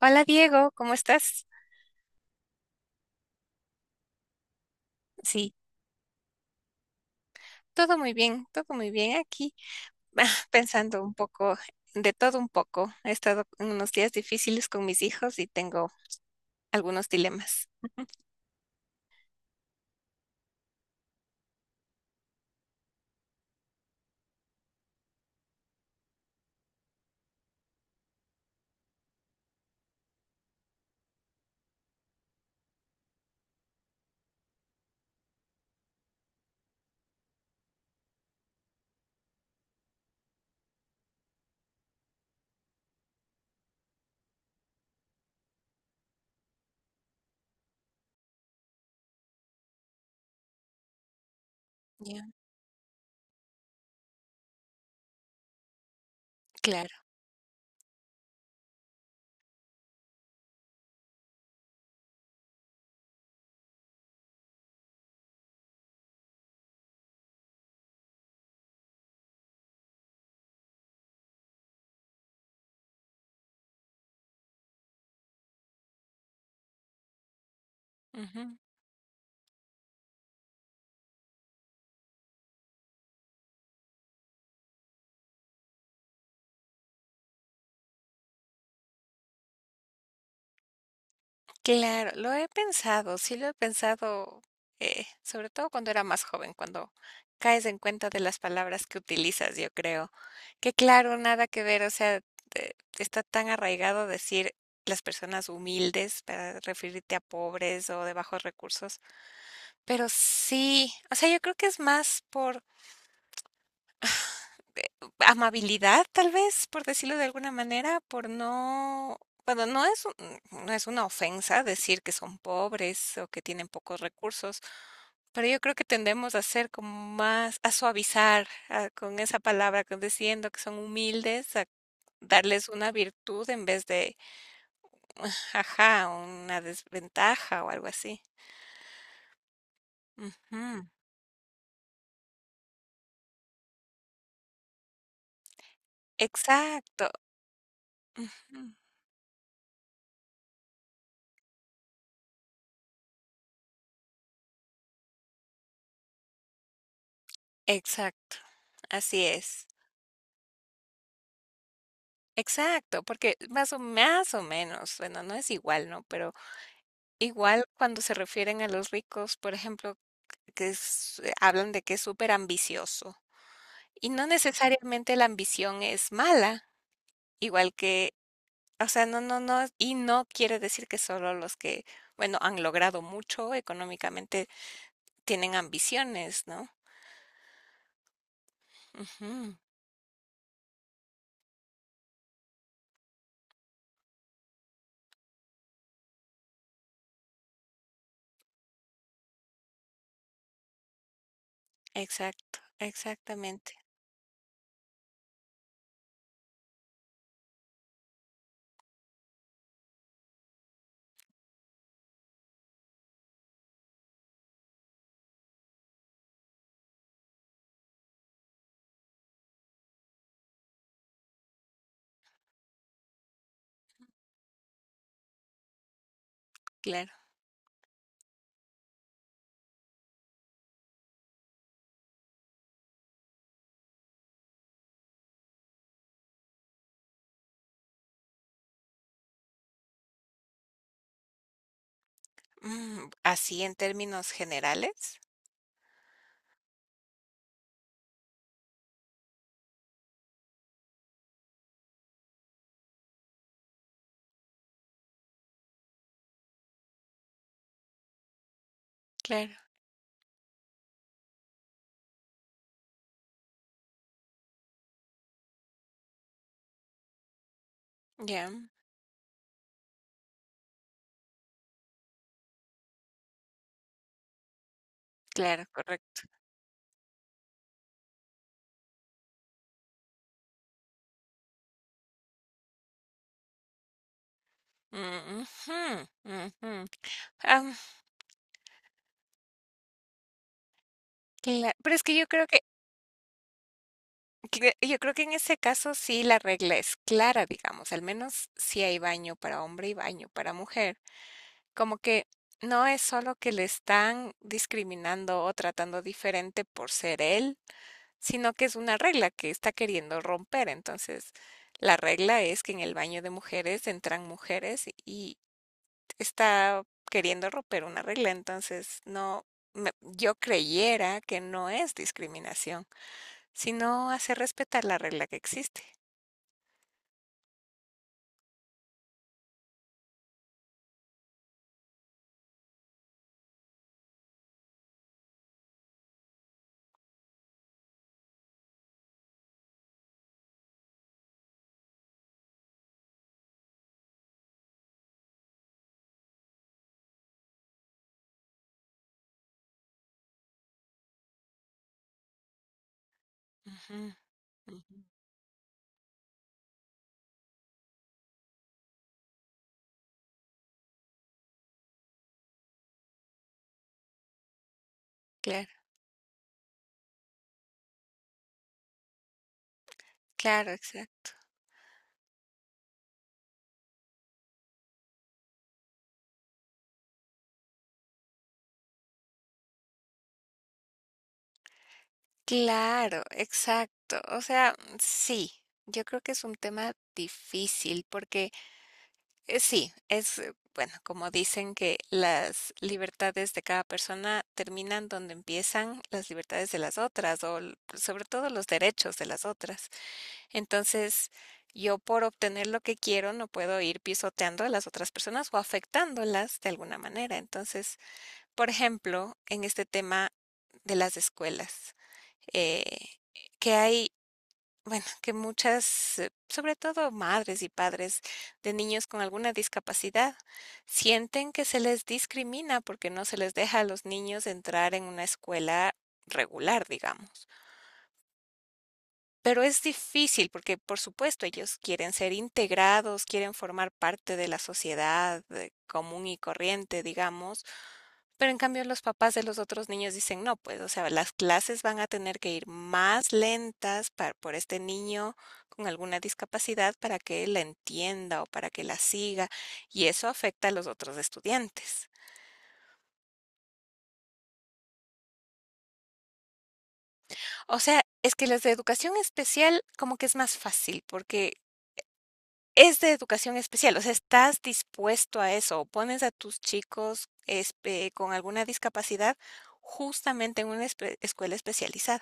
Hola Diego, ¿cómo estás? Sí, todo muy bien aquí. Pensando un poco, de todo un poco. He estado en unos días difíciles con mis hijos y tengo algunos dilemas. Ya. Claro. Claro, lo he pensado, sí lo he pensado, sobre todo cuando era más joven, cuando caes en cuenta de las palabras que utilizas, yo creo. Que claro, nada que ver, o sea, está tan arraigado decir las personas humildes para referirte a pobres o de bajos recursos, pero sí, o sea, yo creo que es más por amabilidad, tal vez, por decirlo de alguna manera, por no bueno, no es un no es una ofensa decir que son pobres o que tienen pocos recursos, pero yo creo que tendemos a ser como más a suavizar, con esa palabra, con diciendo que son humildes, a darles una virtud en vez de, ajá, una desventaja o algo así. Ujú. Exacto, ujú. Exacto, así es. Exacto, porque más o menos, bueno, no es igual, ¿no? Pero igual cuando se refieren a los ricos, por ejemplo, hablan de que es súper ambicioso. Y no necesariamente la ambición es mala, igual que, o sea, no, y no quiere decir que solo los que, bueno, han logrado mucho económicamente tienen ambiciones, ¿no? Ujú, exacto, exactamente, claro. Mm, así en términos generales, claro, ya. Claro, correcto. Mm, ujú, ujú. Am, pero es que yo creo que, yo creo que en ese caso sí la regla es clara, digamos, al menos si hay baño para hombre y baño para mujer, como que no es solo que le están discriminando o tratando diferente por ser él, sino que es una regla que está queriendo romper. Entonces, la regla es que en el baño de mujeres entran mujeres, está queriendo romper una regla, entonces no, yo creyera que no es discriminación, sino hacer respetar la regla que existe. Ujú, ujú. Claro, claro, exacto. Claro, exacto. O sea, mm, sí, yo creo que es un tema difícil porque bueno, como dicen que las libertades de cada persona terminan donde empiezan las libertades de las otras o sobre todo los derechos de las otras. Entonces, yo por obtener lo que quiero no puedo ir pisoteando a las otras personas o afectándolas de alguna manera. Entonces, por ejemplo, en este tema de las escuelas, eh, que hay, bueno, que muchas, sobre todo madres y padres de niños con alguna discapacidad, sienten que se les discrimina porque no se les deja a los niños entrar en una escuela regular, digamos. Pero es difícil porque, por supuesto, ellos quieren ser integrados, quieren formar parte de la sociedad común y corriente, digamos, pero en cambio los papás de los otros niños dicen, no, pues, o sea, las clases van a tener que ir más lentas para, por este niño con alguna discapacidad para que la entienda o para que la siga, y eso afecta a los otros estudiantes. O sea, es que las de educación especial como que es más fácil porque es de educación especial, o sea, ¿estás dispuesto a eso? ¿O pones a tus chicos con alguna discapacidad justamente en una escuela especializada?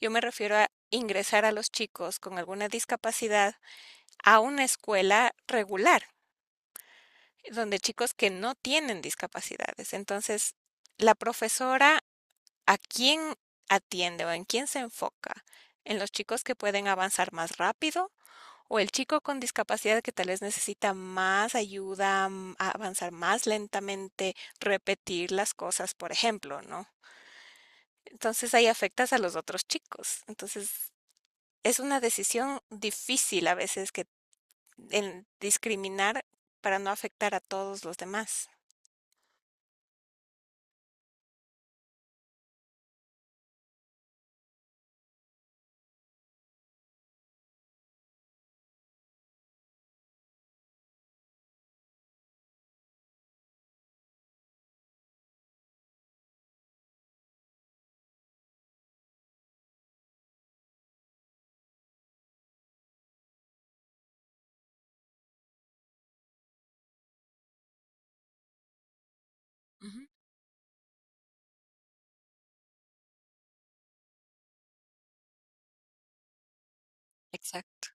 Yo me refiero a ingresar a los chicos con alguna discapacidad a una escuela regular, donde chicos que no tienen discapacidades. Entonces, la profesora, ¿a quién atiende o en quién se enfoca? ¿En los chicos que pueden avanzar más rápido? O el chico con discapacidad que tal vez necesita más ayuda, a avanzar más lentamente, repetir las cosas, por ejemplo, ¿no? Entonces ahí afectas a los otros chicos. Entonces es una decisión difícil a veces que en discriminar para no afectar a todos los demás. Ujú. Exacto.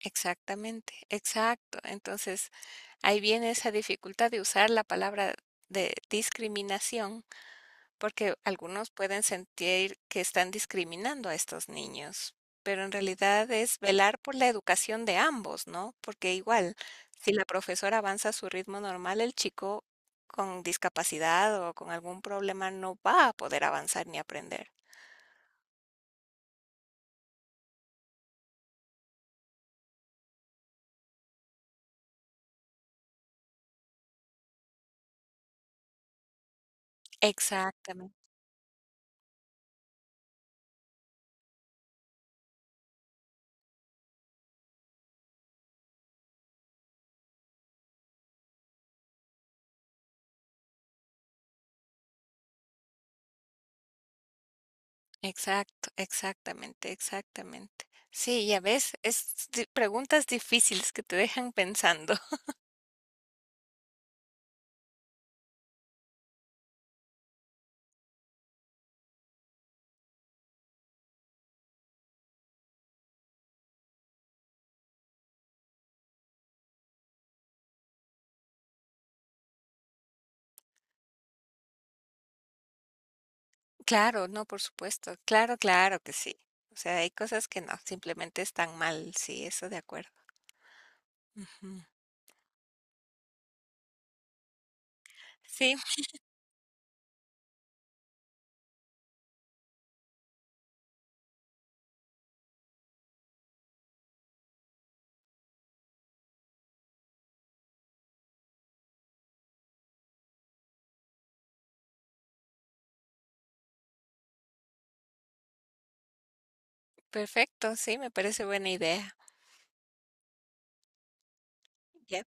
Exactamente, exacto. Entonces ahí viene esa dificultad de usar la palabra de discriminación porque algunos pueden sentir que están discriminando a estos niños, pero en realidad es velar por la educación de ambos, ¿no? Porque igual, si la profesora avanza a su ritmo normal, el chico con discapacidad o con algún problema no va a poder avanzar ni aprender. Exactamente. Exacto, exactamente, exactamente. Sí, ya ves, es preguntas difíciles que te dejan pensando. Claro, no, por supuesto. Claro, claro que sí. O sea, hay cosas que no, simplemente están mal. Sí, eso de acuerdo. Ujú. Sí, perfecto. Sí, me parece buena idea. Ya,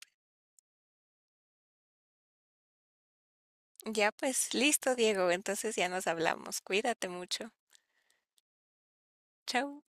ya pues, listo, Diego. Entonces ya nos hablamos. Cuídate mucho. Chau.